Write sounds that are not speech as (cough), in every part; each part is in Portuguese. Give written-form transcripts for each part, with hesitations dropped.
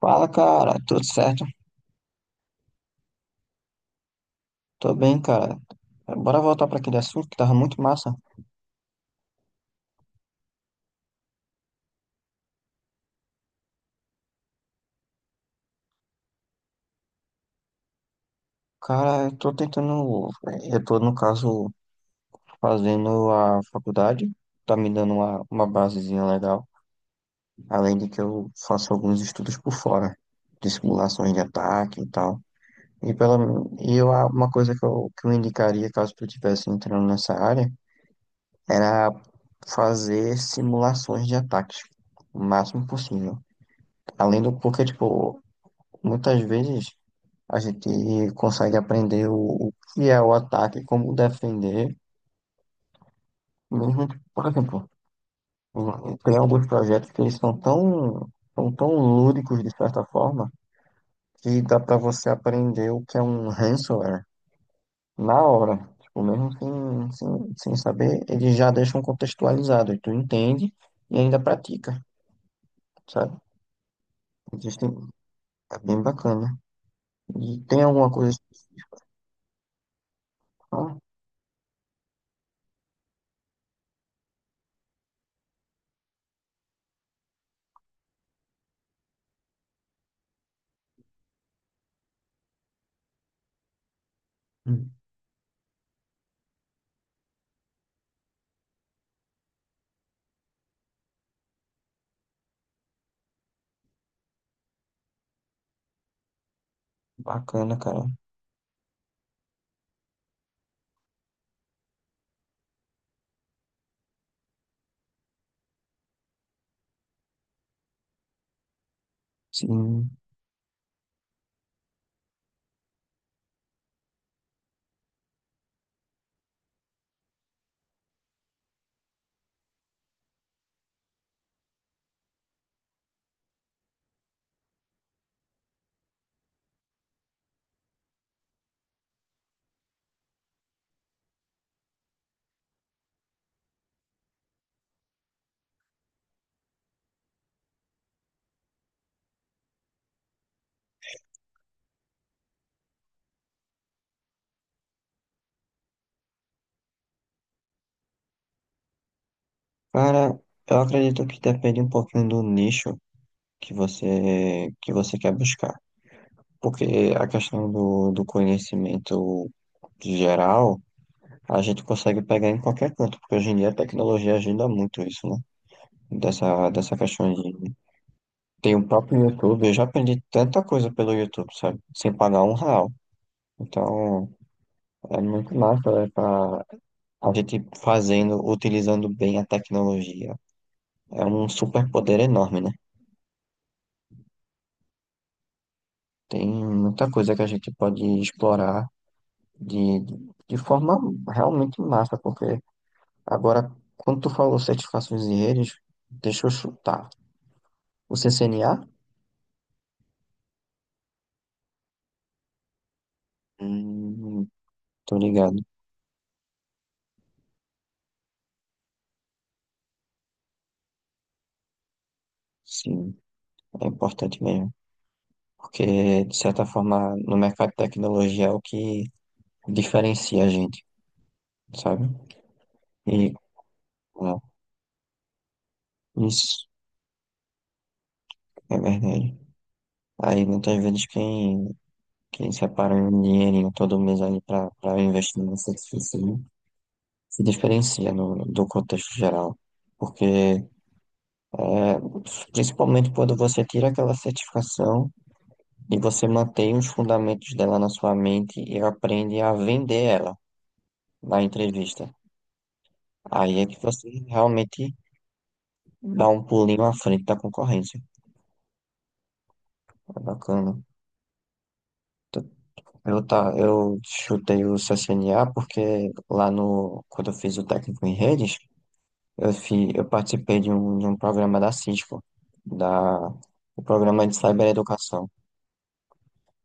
Fala, cara, tudo certo? Tô bem, cara. Bora voltar para aquele assunto que tava muito massa. Cara, eu tô tentando, eu tô, no caso, fazendo a faculdade, tá me dando uma basezinha legal, além de que eu faço alguns estudos por fora, de simulações de ataque e tal. E, pela, uma coisa que eu indicaria, caso tu estivesse entrando nessa área, era fazer simulações de ataques, o máximo possível. Além do porque, tipo, muitas vezes a gente consegue aprender o que é o ataque, como defender, mesmo, que, por exemplo, tem alguns projetos que eles são tão lúdicos, de certa forma, que dá para você aprender o que é um ransomware na hora. Tipo, mesmo sem saber, eles já deixam contextualizado, e tu entende e ainda pratica, sabe? Existe, é bem bacana. E tem alguma coisa específica? Hum. Bacana, cara. Sim. Cara, eu acredito que depende um pouquinho do nicho que você quer buscar. Porque a questão do conhecimento geral, a gente consegue pegar em qualquer canto, porque hoje em dia a tecnologia ajuda muito isso, né? Dessa questão de... Tem o próprio YouTube, eu já aprendi tanta coisa pelo YouTube, sabe? Sem pagar um real. Então, é muito massa, é pra a gente fazendo, utilizando bem a tecnologia. É um superpoder enorme, né? Tem muita coisa que a gente pode explorar de, de forma realmente massa, porque agora, quando tu falou certificações e redes, deixa eu chutar. O CCNA? Hum, tô ligado. Sim, é importante mesmo. Porque, de certa forma, no mercado de tecnologia é o que diferencia a gente, sabe? E, ó, isso é verdade. Aí, muitas vezes, quem separa um dinheirinho todo mês ali para investir nessa se diferencia no, do contexto geral, porque é, principalmente quando você tira aquela certificação e você mantém os fundamentos dela na sua mente e aprende a vender ela na entrevista. Aí é que você realmente dá um pulinho à frente da concorrência. É bacana. T- Eu, tá, eu chutei o CCNA porque lá no, quando eu fiz o técnico em redes, eu, eu participei de um programa da Cisco, da, o programa de cibereducação.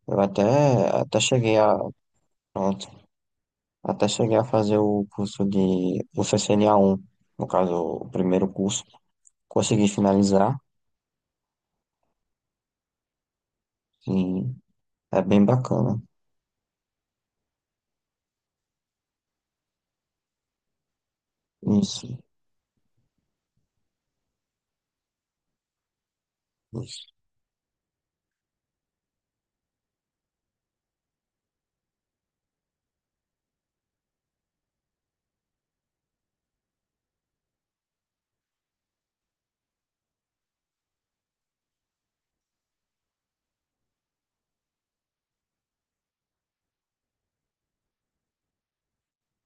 Eu até, até cheguei a, pronto, até cheguei a fazer o curso de, o ccna um no caso, o primeiro curso. Consegui finalizar e é bem bacana. Isso, isso,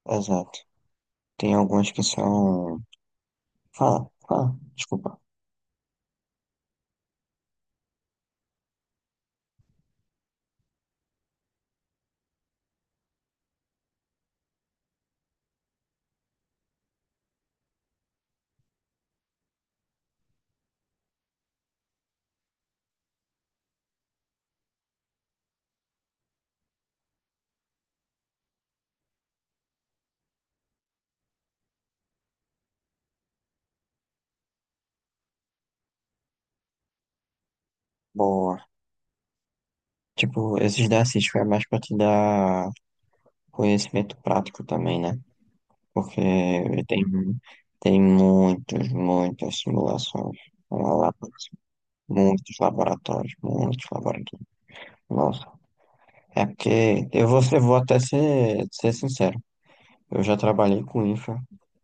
exato. Tem alguns que são, fala, fala, desculpa. Boa. Tipo, esses da Cisco é mais pra te dar conhecimento prático também, né? Porque tem, tem muitos, muitas simulações lá, lá, muitos laboratórios, muitos laboratórios. Nossa, é porque eu vou, vou até ser sincero, eu já trabalhei com infra,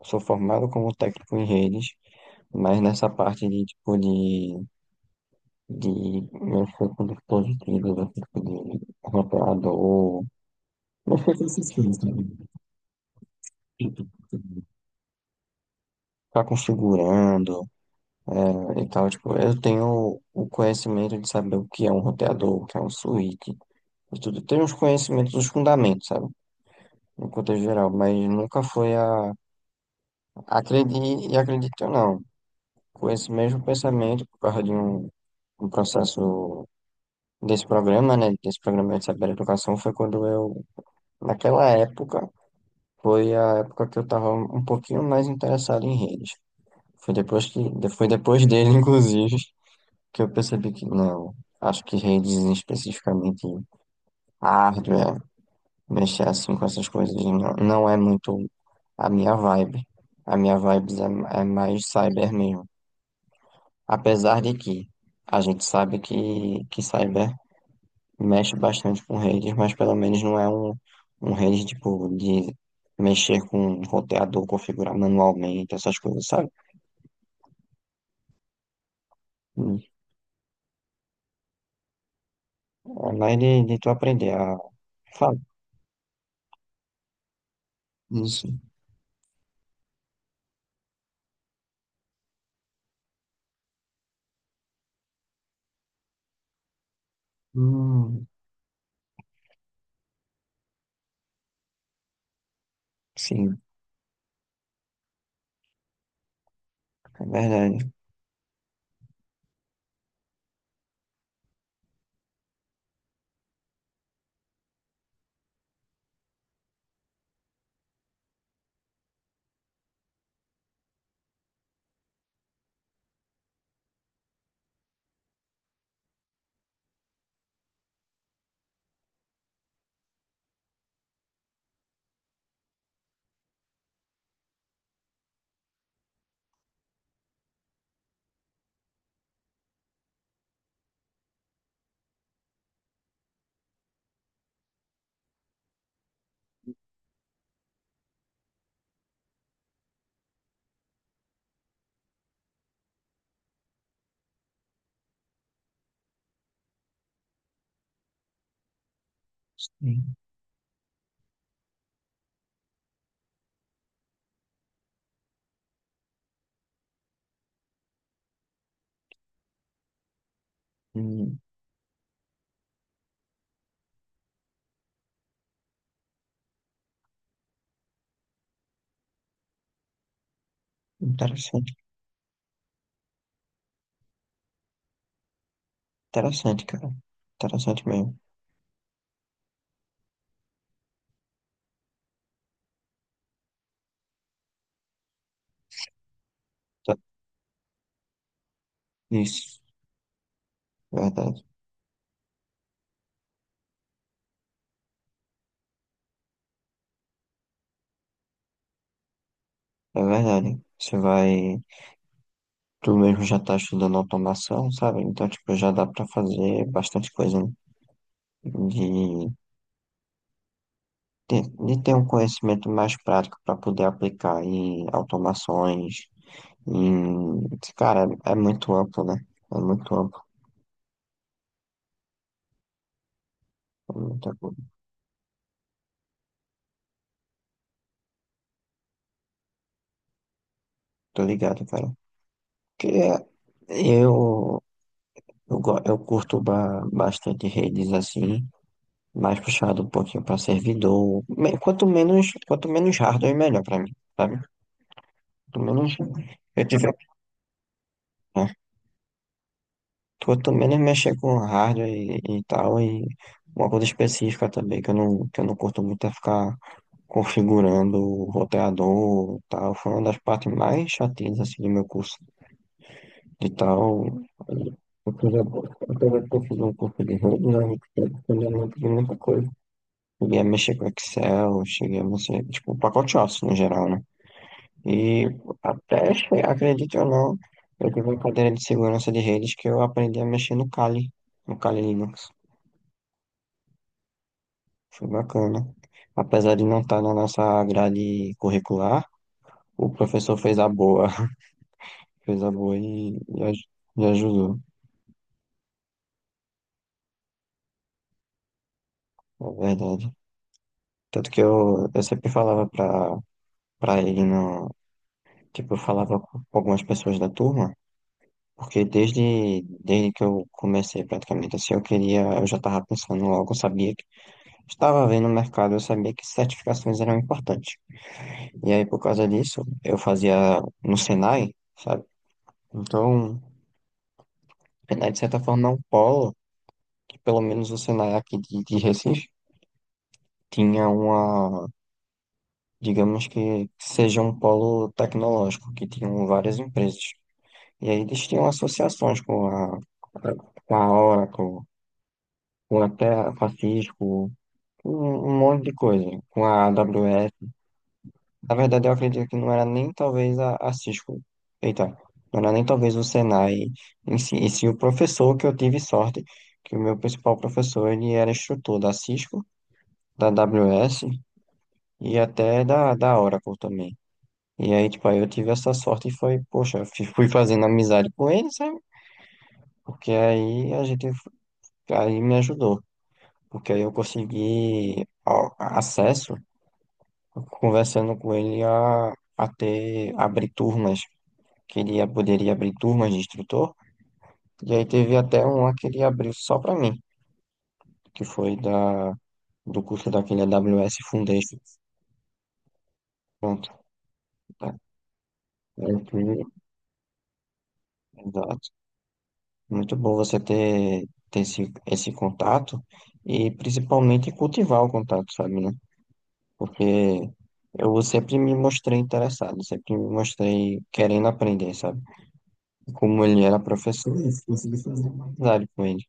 sou formado como técnico em redes, mas nessa parte de tipo de mexer com dispositivos, mexer com de roteador, mexer com esses fios, sabe? Tipo, ficar configurando. É, e tal, tipo, eu tenho o conhecimento de saber o que é um roteador, o que é um switch, e tudo. Tenho os conhecimentos, os fundamentos, sabe? No contexto geral, mas nunca foi a. Acredite e acredite ou não, com esse mesmo pensamento, por causa um processo desse programa, né? Desse programa de saber educação, foi quando eu, naquela época, foi a época que eu estava um pouquinho mais interessado em redes. Foi depois que, foi depois dele, (laughs) inclusive. Que eu percebi que não. Acho que redes especificamente hardware, mexer assim com essas coisas não é muito a minha vibe. A minha vibe é, é mais cyber mesmo. Apesar de que a gente sabe que cyber mexe bastante com redes, mas pelo menos não é um, um rede tipo de mexer com roteador, configurar manualmente, essas coisas, sabe? É mais de tu aprender a falar. Isso. Hum, sim. É verdade. Hum, hum. Interessante, interessante, cara. Interessante mesmo. Tá- Isso, verdade. É verdade. Você vai. Tu mesmo já tá estudando automação, sabe? Então, tipo, já dá pra fazer bastante coisa né? De, de ter um conhecimento mais prático pra poder aplicar em automações. Em... Cara, é é muito amplo, né? É muito amplo. É muito amplo. Tô ligado, cara. Porque eu. Eu curto bastante redes assim, mais puxado um pouquinho para servidor. Quanto menos hardware, melhor para mim, sabe? Quanto menos eu tiver, né? Quanto menos mexer com hardware e tal, e uma coisa específica também, que eu não curto muito é ficar configurando o roteador e tal. Foi uma das partes mais chatinhas assim do meu curso de tal. Fiz um curso de rede, né? Eu não aprendi muita coisa. Cheguei a mexer com Excel, cheguei a mexer, tipo, pacoteaço no geral, né? E até, acredite ou não, eu tive uma cadeira de segurança de redes que eu aprendi a mexer no Kali, no Kali Linux. Foi bacana. Apesar de não estar na nossa grade curricular, o professor fez a boa, (laughs) fez a boa e ajudou, é verdade. Tanto que eu sempre falava pra ele, no, tipo, eu falava com algumas pessoas da turma. Porque desde que eu comecei praticamente assim, eu queria, eu já estava pensando logo, eu sabia que estava vendo o mercado, eu sabia que certificações eram importantes. E aí, por causa disso, eu fazia no Senai, sabe? Então, o Senai, de certa forma, é um polo, que pelo menos o Senai aqui de Recife tinha uma, digamos que seja um polo tecnológico, que tinham várias empresas. E aí eles tinham associações com a Oracle, com até a Cisco um, um monte de coisa com a AWS. Na verdade, eu acredito que não era nem talvez a Cisco. Eita, não era nem talvez o Senai em si, e sim o professor que eu tive sorte, que o meu principal professor ele era instrutor da Cisco, da AWS e até da Oracle também. E aí, tipo, aí eu tive essa sorte e foi, poxa, fui fazendo amizade com ele, sabe? Porque aí a gente, aí me ajudou. Porque aí eu consegui ó, acesso conversando com ele a ter, abrir turmas, que ele poderia abrir turmas de instrutor, e aí teve até um lá que ele abriu só para mim, que foi da, do curso daquele AWS Foundation. Pronto. Tá? Aí que- Exato. Muito bom você ter, ter esse, esse contato e principalmente cultivar o contato, sabe, né? Porque eu sempre me mostrei interessado, sempre me mostrei querendo aprender, sabe? Como ele era professor, eu consegui fazer uma amizade com ele.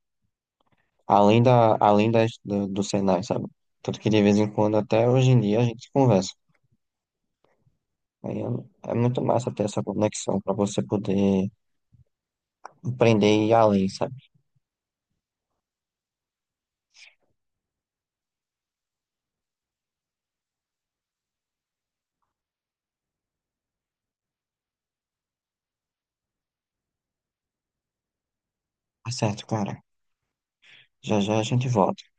Além da, além das, do, do Senai, sabe? Tanto que de vez em quando, até hoje em dia, a gente conversa. Aí é, é muito massa ter essa conexão para você poder aprender e ir além, sabe? Tá certo, cara. Já já a gente volta.